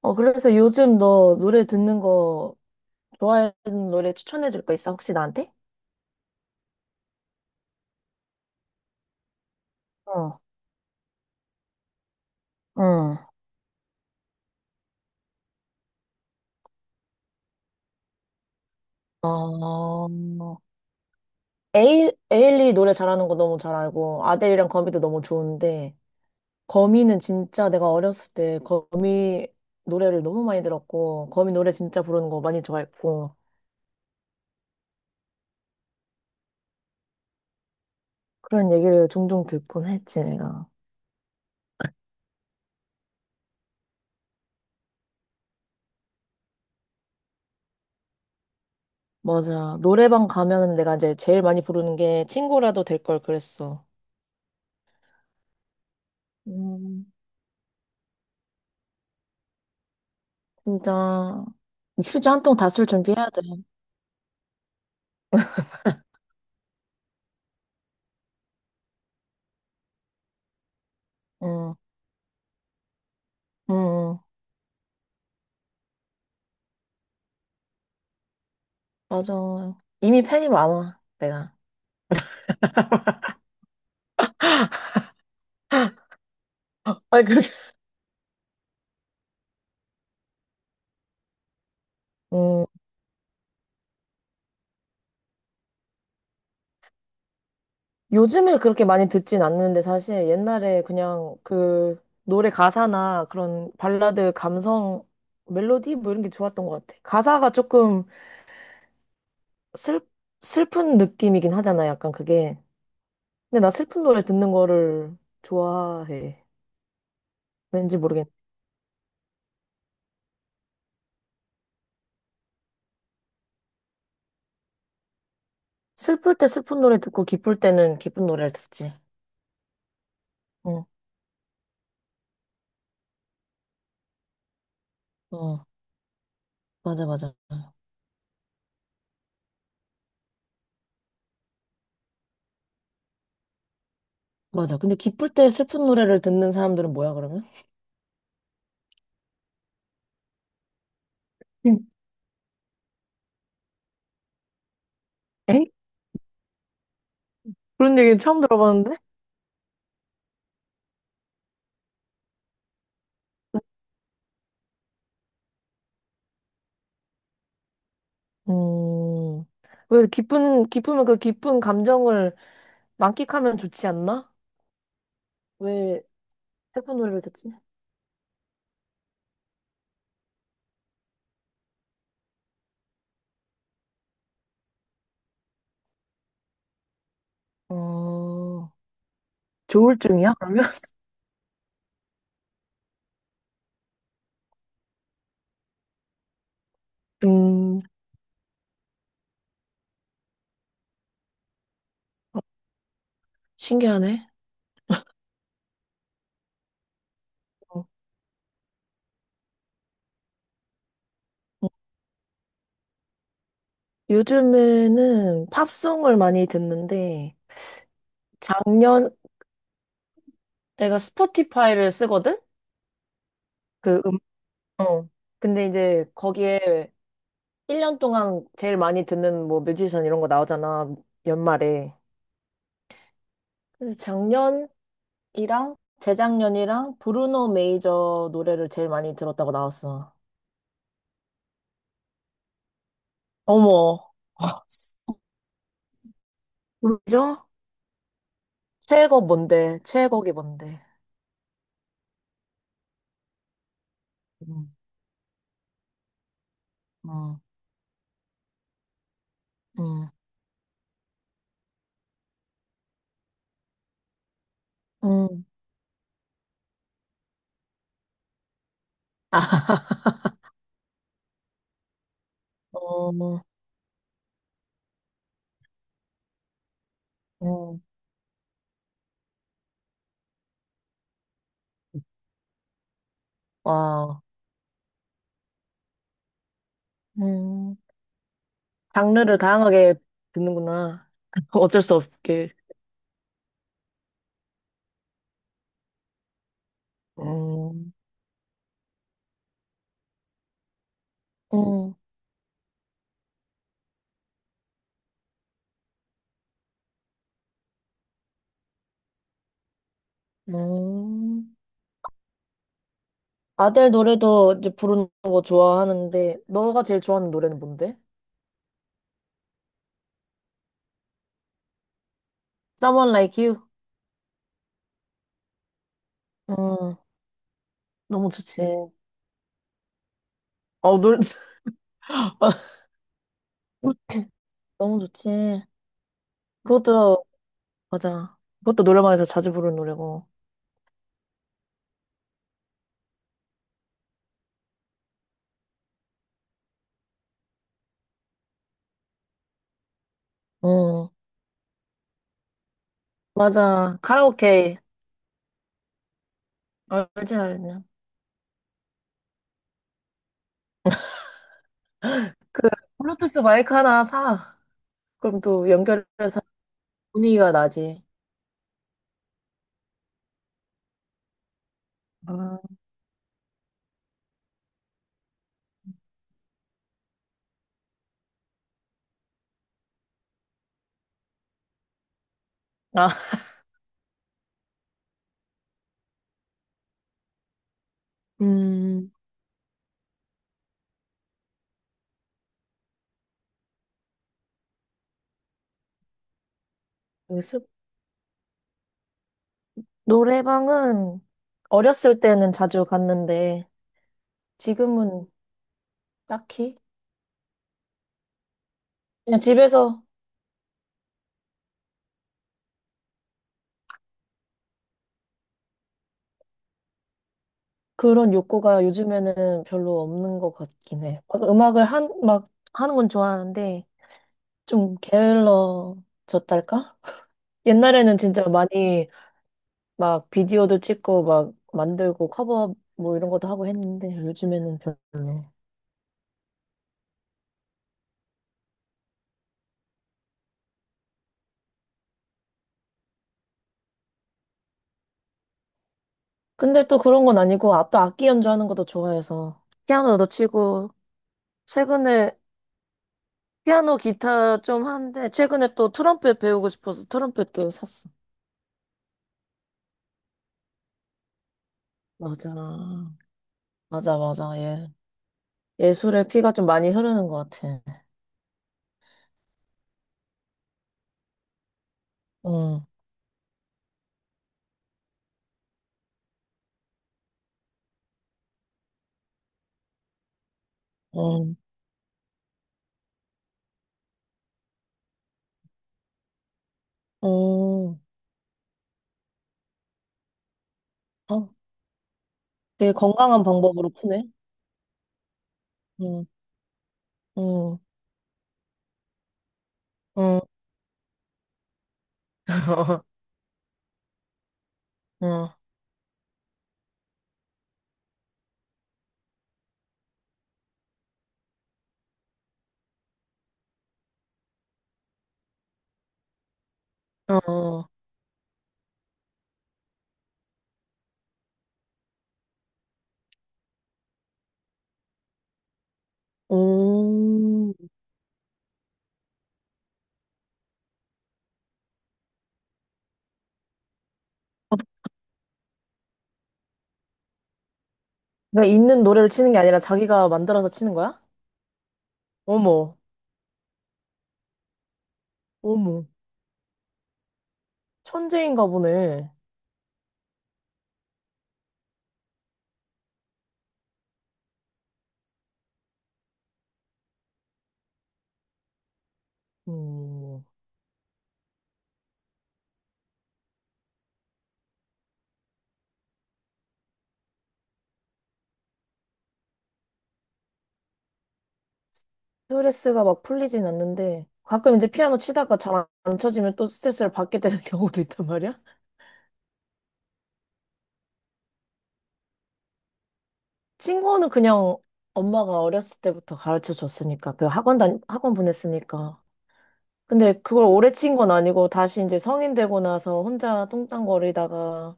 그래서 요즘 너 노래 듣는 거 좋아하는 노래 추천해 줄 거 있어? 혹시 나한테? 어, 응, 어, 에일리 노래 잘하는 거 너무 잘 알고, 아델이랑 거미도 너무 좋은데, 거미는 진짜 내가 어렸을 때 거미 노래를 너무 많이 들었고, 거미 노래 진짜 부르는 거 많이 좋아했고, 그런 얘기를 종종 듣곤 했지, 내가. 맞아. 노래방 가면은 내가 이제 제일 많이 부르는 게 친구라도 될 걸 그랬어. 음. 진짜 휴지 한 통 다 쓸 준비해야 돼. 응, 응, 응. 맞아. 이미 팬이 많아, 내가. 아니, 그렇게, 응, 요즘에 그렇게 많이 듣진 않는데 사실 옛날에 그냥 그 노래 가사나 그런 발라드 감성, 멜로디 뭐 이런 게 좋았던 것 같아. 가사가 조금 슬, 슬픈 느낌이긴 하잖아, 약간 그게. 근데 나 슬픈 노래 듣는 거를 좋아해. 왠지 모르겠네. 슬플 때 슬픈 노래 듣고 기쁠 때는 기쁜 노래를 듣지. 응. 응. 맞아, 맞아. 맞아. 근데 기쁠 때 슬픈 노래를 듣는 사람들은 뭐야, 그러면? 응. 에? 그런 얘기 처음 들어봤는데? 음, 왜 기쁘면 그 기쁜 감정을 만끽하면 좋지 않나? 왜 슬픈 노래를 듣지? 어, 조울증이야, 그러면? 음, 신기하네. 어. 요즘에는 팝송을 많이 듣는데, 작년, 내가 스포티파이를 쓰거든? 그 음, 어. 근데 이제 거기에 1년 동안 제일 많이 듣는 뭐 뮤지션 이런 거 나오잖아, 연말에. 그래서 작년이랑 재작년이랑 브루노 메이저 노래를 제일 많이 들었다고 나왔어. 어머. 아, 뭐죠? 최애곡 뭔데? 최애곡이 뭔데? 음, 음, 음, 음. 아, 어, 음, 와. 음. 장르를 다양하게 듣는구나. 어쩔 수 없게. 음, 음, 음. 아델 노래도 이제 부르는 거 좋아하는데, 너가 제일 좋아하는 노래는 뭔데? Someone Like You? 음, 너무 좋지. 어, 노래, 너무 좋지. 그것도, 맞아. 그것도 노래방에서 자주 부르는 노래고. 응, 맞아. 카라오케. 알지, 알지. 그, 블루투스 마이크 하나 사. 그럼 또 연결해서 분위기가 나지. 아, 아, 음. 그 노래방은 어렸을 때는 자주 갔는데, 지금은 딱히? 그냥 집에서 그런 욕구가 요즘에는 별로 없는 것 같긴 해. 막 막 하는 건 좋아하는데 좀 게을러졌달까? 옛날에는 진짜 많이 막 비디오도 찍고 막 만들고 커버 뭐 이런 것도 하고 했는데 요즘에는 별로. 근데 또 그런 건 아니고 아, 또 악기 연주하는 것도 좋아해서 피아노도 치고 최근에 피아노 기타 좀 하는데 최근에 또 트럼펫 배우고 싶어서 트럼펫도 샀어. 맞아. 맞아, 맞아. 예. 예술의 피가 좀 많이 흐르는 것 같아. 응, 응, 응. 어, 되게 건강한 방법으로 푸네. 응, 응, 응, 응, 응. 음. 그러니까 있는 노래를 치는 게 아니라 자기가 만들어서 치는 거야? 어머, 어머. 천재인가 보네. 음. 스트레스가 막 풀리진 않는데 가끔 이제 피아노 치다가 잘 안 쳐지면 또 스트레스를 받게 되는 경우도 있단 말이야? 친구는 그냥 엄마가 어렸을 때부터 가르쳐 줬으니까, 학원 보냈으니까. 근데 그걸 오래 친 건 아니고, 다시 이제 성인 되고 나서 혼자 뚱땅거리다가,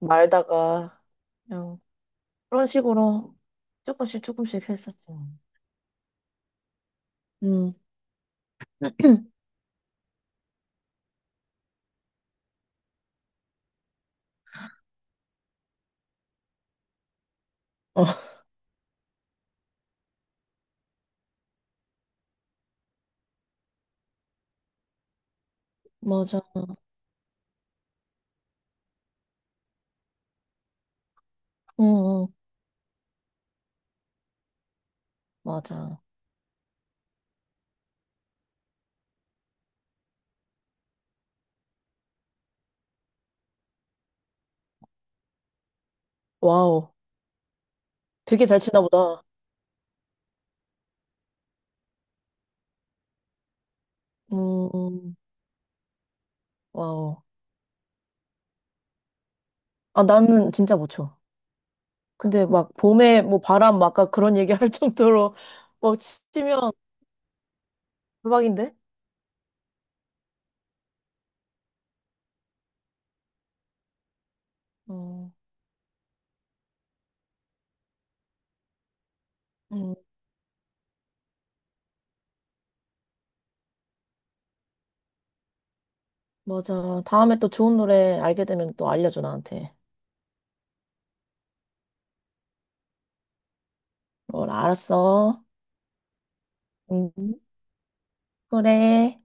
말다가, 그냥 그런 식으로 조금씩 조금씩 했었지. 음. 어, 맞아. 응, 응, 맞아. 와우. 되게 잘 치나 보다. 음, 음. 와우. 아, 나는 진짜 못 쳐. 근데 막 봄에 뭐 바람 막 아까 그런 얘기 할 정도로 막 치면 대박인데? 어. 음, 맞아. 다음에 또 좋은 노래 알게 되면 또 알려줘, 나한테. 뭘 알았어. 음. 그래.